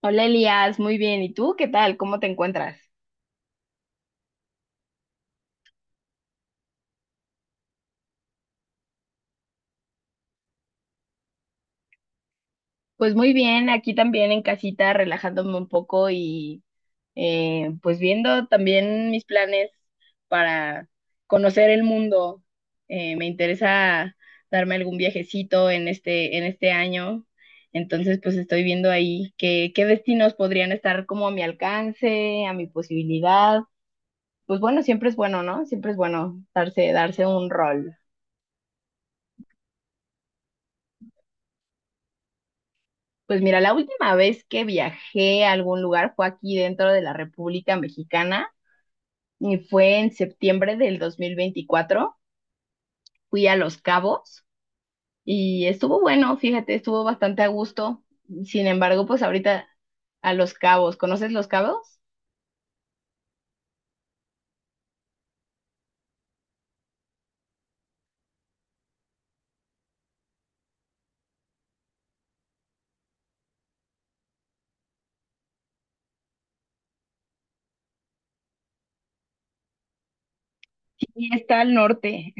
Hola Elías, muy bien. ¿Y tú qué tal? ¿Cómo te encuentras? Pues muy bien, aquí también en casita, relajándome un poco y pues viendo también mis planes para conocer el mundo. Me interesa darme algún viajecito en este año. Entonces, pues estoy viendo ahí qué destinos podrían estar como a mi alcance, a mi posibilidad. Pues bueno, siempre es bueno, ¿no? Siempre es bueno darse un rol. Pues mira, la última vez que viajé a algún lugar fue aquí dentro de la República Mexicana y fue en septiembre del 2024. Fui a Los Cabos y estuvo bueno, fíjate, estuvo bastante a gusto. Sin embargo, pues ahorita a Los Cabos, ¿conoces Los Cabos? Sí, está al norte.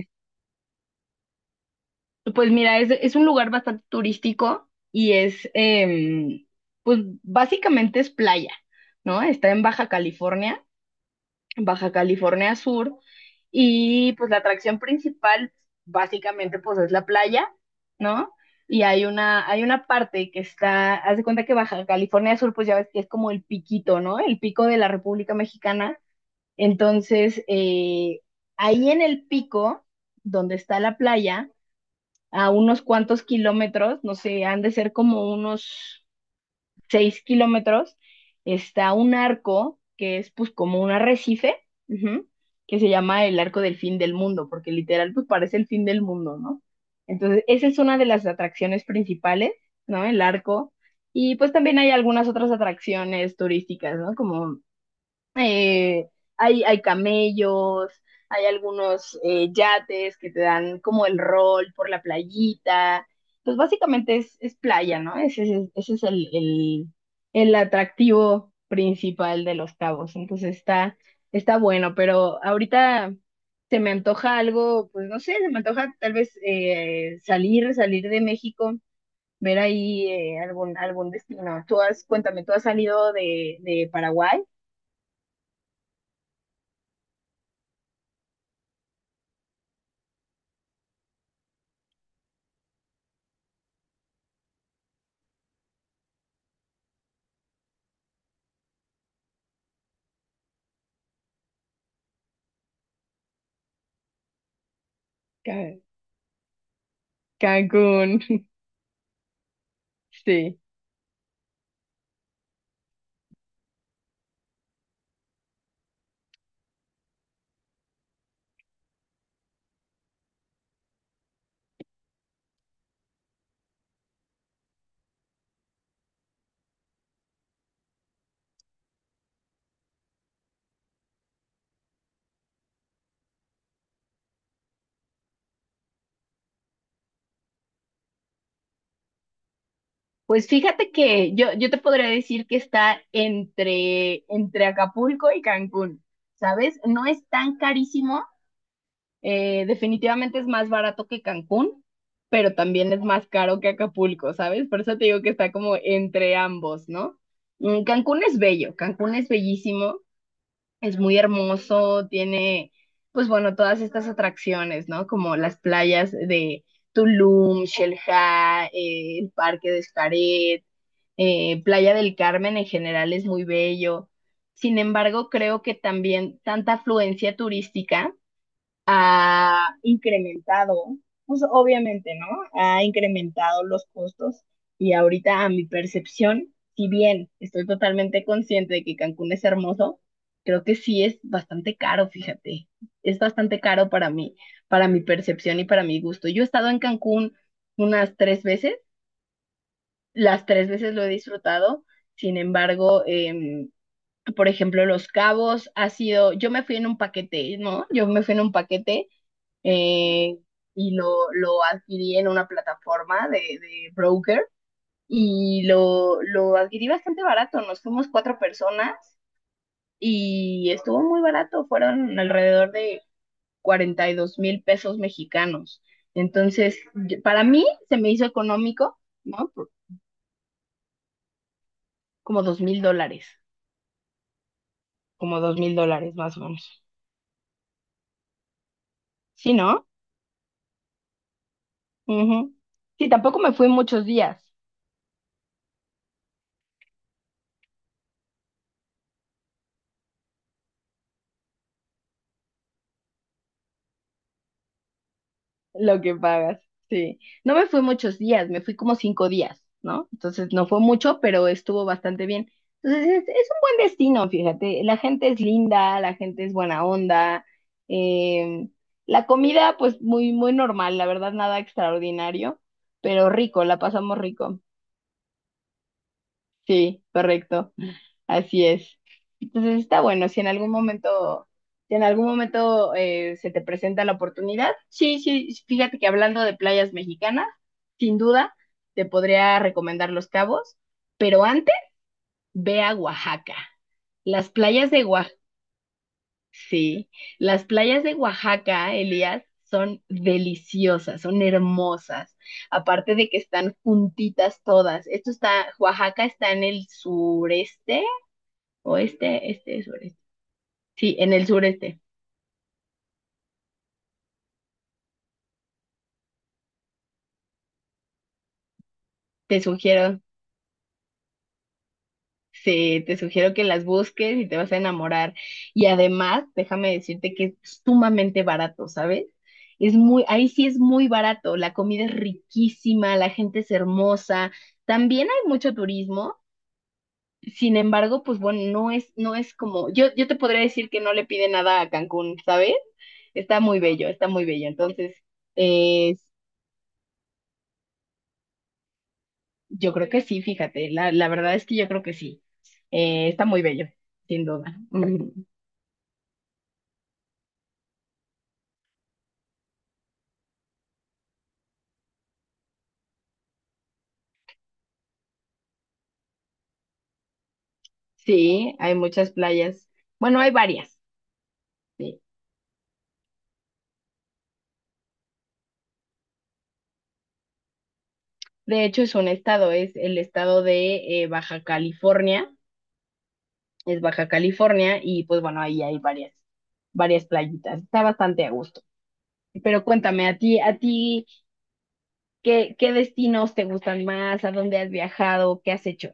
Pues mira, es un lugar bastante turístico y es, pues básicamente es playa, ¿no? Está en Baja California Sur. Y pues la atracción principal básicamente pues es la playa, ¿no? Y hay una parte que está, haz de cuenta que Baja California Sur pues ya ves que es como el piquito, ¿no? El pico de la República Mexicana. Entonces, ahí en el pico, donde está la playa, a unos cuantos kilómetros, no sé, han de ser como unos 6 kilómetros, está un arco que es pues como un arrecife, ujú, que se llama el arco del fin del mundo, porque literal pues parece el fin del mundo, ¿no? Entonces, esa es una de las atracciones principales, ¿no? El arco. Y pues también hay algunas otras atracciones turísticas, ¿no? Como eh, hay camellos, hay algunos yates que te dan como el rol por la playita. Pues básicamente es playa, ¿no? Ese es el atractivo principal de Los Cabos. Entonces está bueno, pero ahorita se me antoja algo, pues no sé, se me antoja tal vez salir de México, ver ahí algún destino. Cuéntame, ¿tú has salido de Paraguay? Cancún, sí. Pues fíjate que yo te podría decir que está entre Acapulco y Cancún, ¿sabes? No es tan carísimo, definitivamente es más barato que Cancún, pero también es más caro que Acapulco, ¿sabes? Por eso te digo que está como entre ambos, ¿no? Mm, Cancún es bello, Cancún es bellísimo. Es muy hermoso, tiene, pues bueno, todas estas atracciones, ¿no? Como las playas de Tulum, Xelha, el Parque de Xcaret, Playa del Carmen en general es muy bello. Sin embargo, creo que también tanta afluencia turística ha incrementado, pues obviamente, ¿no? Ha incrementado los costos y ahorita a mi percepción, si bien estoy totalmente consciente de que Cancún es hermoso, creo que sí es bastante caro, fíjate. Es bastante caro para mí, para mi percepción y para mi gusto. Yo he estado en Cancún unas tres veces, las tres veces lo he disfrutado, sin embargo, por ejemplo, Los Cabos ha sido, yo me fui en un paquete, ¿no? Yo me fui en un paquete eh, y lo adquirí en una plataforma de broker y lo adquirí bastante barato. Nos fuimos cuatro personas y estuvo muy barato, fueron alrededor de 42,000 pesos mexicanos. Entonces, yo- para mí se me hizo económico, ¿no? Por- Como $2,000, como $2,000 más o menos. Sí, ¿no? Ujú. Sí, tampoco me fui muchos días. Lo que pagas, sí. No me fui muchos días, me fui como 5 días, ¿no? Entonces no fue mucho, pero estuvo bastante bien. Entonces es un buen destino, fíjate. La gente es linda, la gente es buena onda. eh, la comida, pues muy, muy normal, la verdad, nada extraordinario, pero rico, la pasamos rico. Sí, correcto. Así es. Entonces está bueno, si en algún momento, si en algún momento se te presenta la oportunidad, sí, sí, fíjate que hablando de playas mexicanas, sin duda te podría recomendar Los Cabos, pero antes ve a Oaxaca. Las playas de Oaxaca, sí, las playas de Oaxaca, Elías, son deliciosas, son hermosas, aparte de que están juntitas todas. Esto está, Oaxaca está en el sureste, oeste, este, sureste. Sí, en el sureste. Te sugiero, sí, te sugiero que las busques y te vas a enamorar. Y además, déjame decirte que es sumamente barato, ¿sabes? Es muy, ahí sí es muy barato. La comida es riquísima, la gente es hermosa. También hay mucho turismo. Sin embargo, pues bueno, no es como, yo te podría decir que no le pide nada a Cancún, ¿sabes? Está muy bello, está muy bello. Entonces, eh, yo creo que sí, fíjate, la verdad es que yo creo que sí. Está muy bello, sin duda. Mm, sí, hay muchas playas. Bueno, hay varias. Sí. De hecho, es un estado, es el estado de Baja California, es Baja California y pues bueno, ahí hay varias playitas. Está bastante a gusto. Pero cuéntame, a ti, ¿qué destinos te gustan más? ¿A dónde has viajado? ¿Qué has hecho?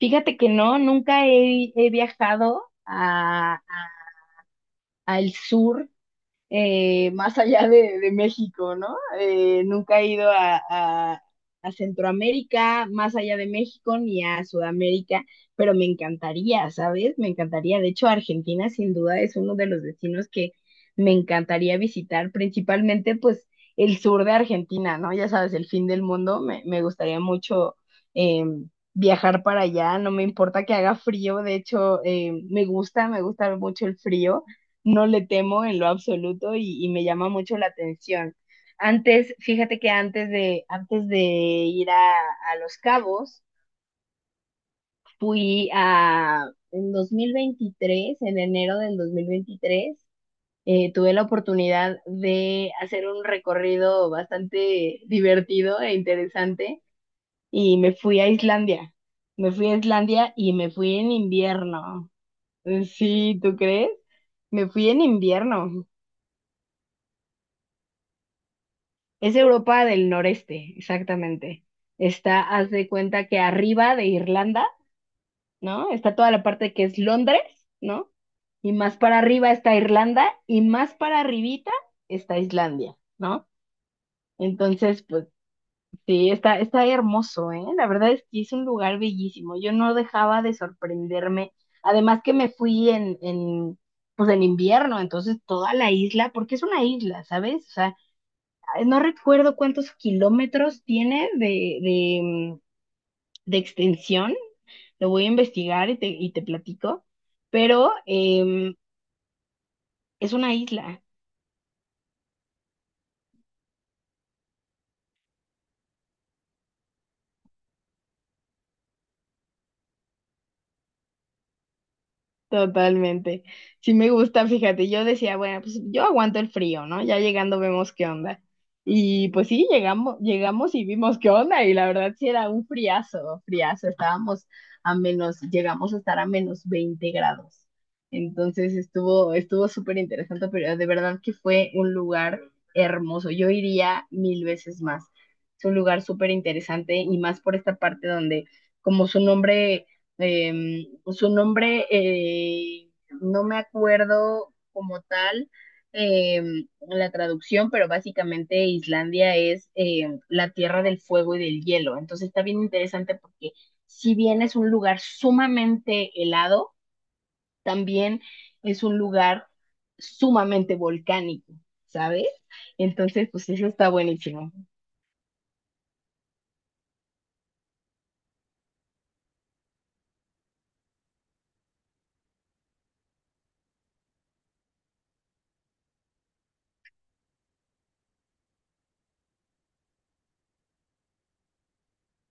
Fíjate que no, nunca he viajado a- al sur más allá de México, ¿no? Nunca he ido a Centroamérica, más allá de México, ni a Sudamérica, pero me encantaría, ¿sabes? Me encantaría. De hecho, Argentina sin duda es uno de los destinos que me encantaría visitar, principalmente pues el sur de Argentina, ¿no? Ya sabes, el fin del mundo, me gustaría mucho. em, Viajar para allá, no me importa que haga frío, de hecho, me gusta mucho el frío, no le temo en lo absoluto y me llama mucho la atención. Antes, fíjate que antes de ir a Los Cabos, fui a, en 2023 en enero del 2023, tuve la oportunidad de hacer un recorrido bastante divertido e interesante y me fui a Islandia. Me fui a Islandia y me fui en invierno. Sí, ¿tú crees? Me fui en invierno. Es Europa del noreste, exactamente. Está, haz de cuenta que arriba de Irlanda, ¿no? Está toda la parte que es Londres, ¿no? Y más para arriba está Irlanda y más para arribita está Islandia, ¿no? Entonces, pues sí, está hermoso, ¿eh? La verdad es que es un lugar bellísimo. Yo no dejaba de sorprenderme. Además que me fui pues en invierno, entonces toda la isla, porque es una isla, ¿sabes? O sea, no recuerdo cuántos kilómetros tiene de extensión, lo voy a investigar y te platico, pero es una isla. Totalmente. Sí me gusta, fíjate, yo decía, bueno, pues yo aguanto el frío, ¿no? Ya llegando vemos qué onda. Y pues sí, llegamos y vimos qué onda, y la verdad sí era un friazo, friazo, estábamos llegamos a estar a -20 grados. Entonces estuvo súper interesante, pero de verdad que fue un lugar hermoso. Yo iría mil veces más. Es un lugar súper interesante y más por esta parte donde, como su nombre, no me acuerdo como tal eh, la traducción, pero básicamente Islandia es la tierra del fuego y del hielo. Entonces está bien interesante porque si bien es un lugar sumamente helado, también es un lugar sumamente volcánico, ¿sabes? Entonces, pues eso está buenísimo.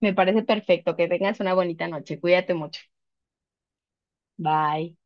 Me parece perfecto. Que tengas una bonita noche. Cuídate mucho. Bye.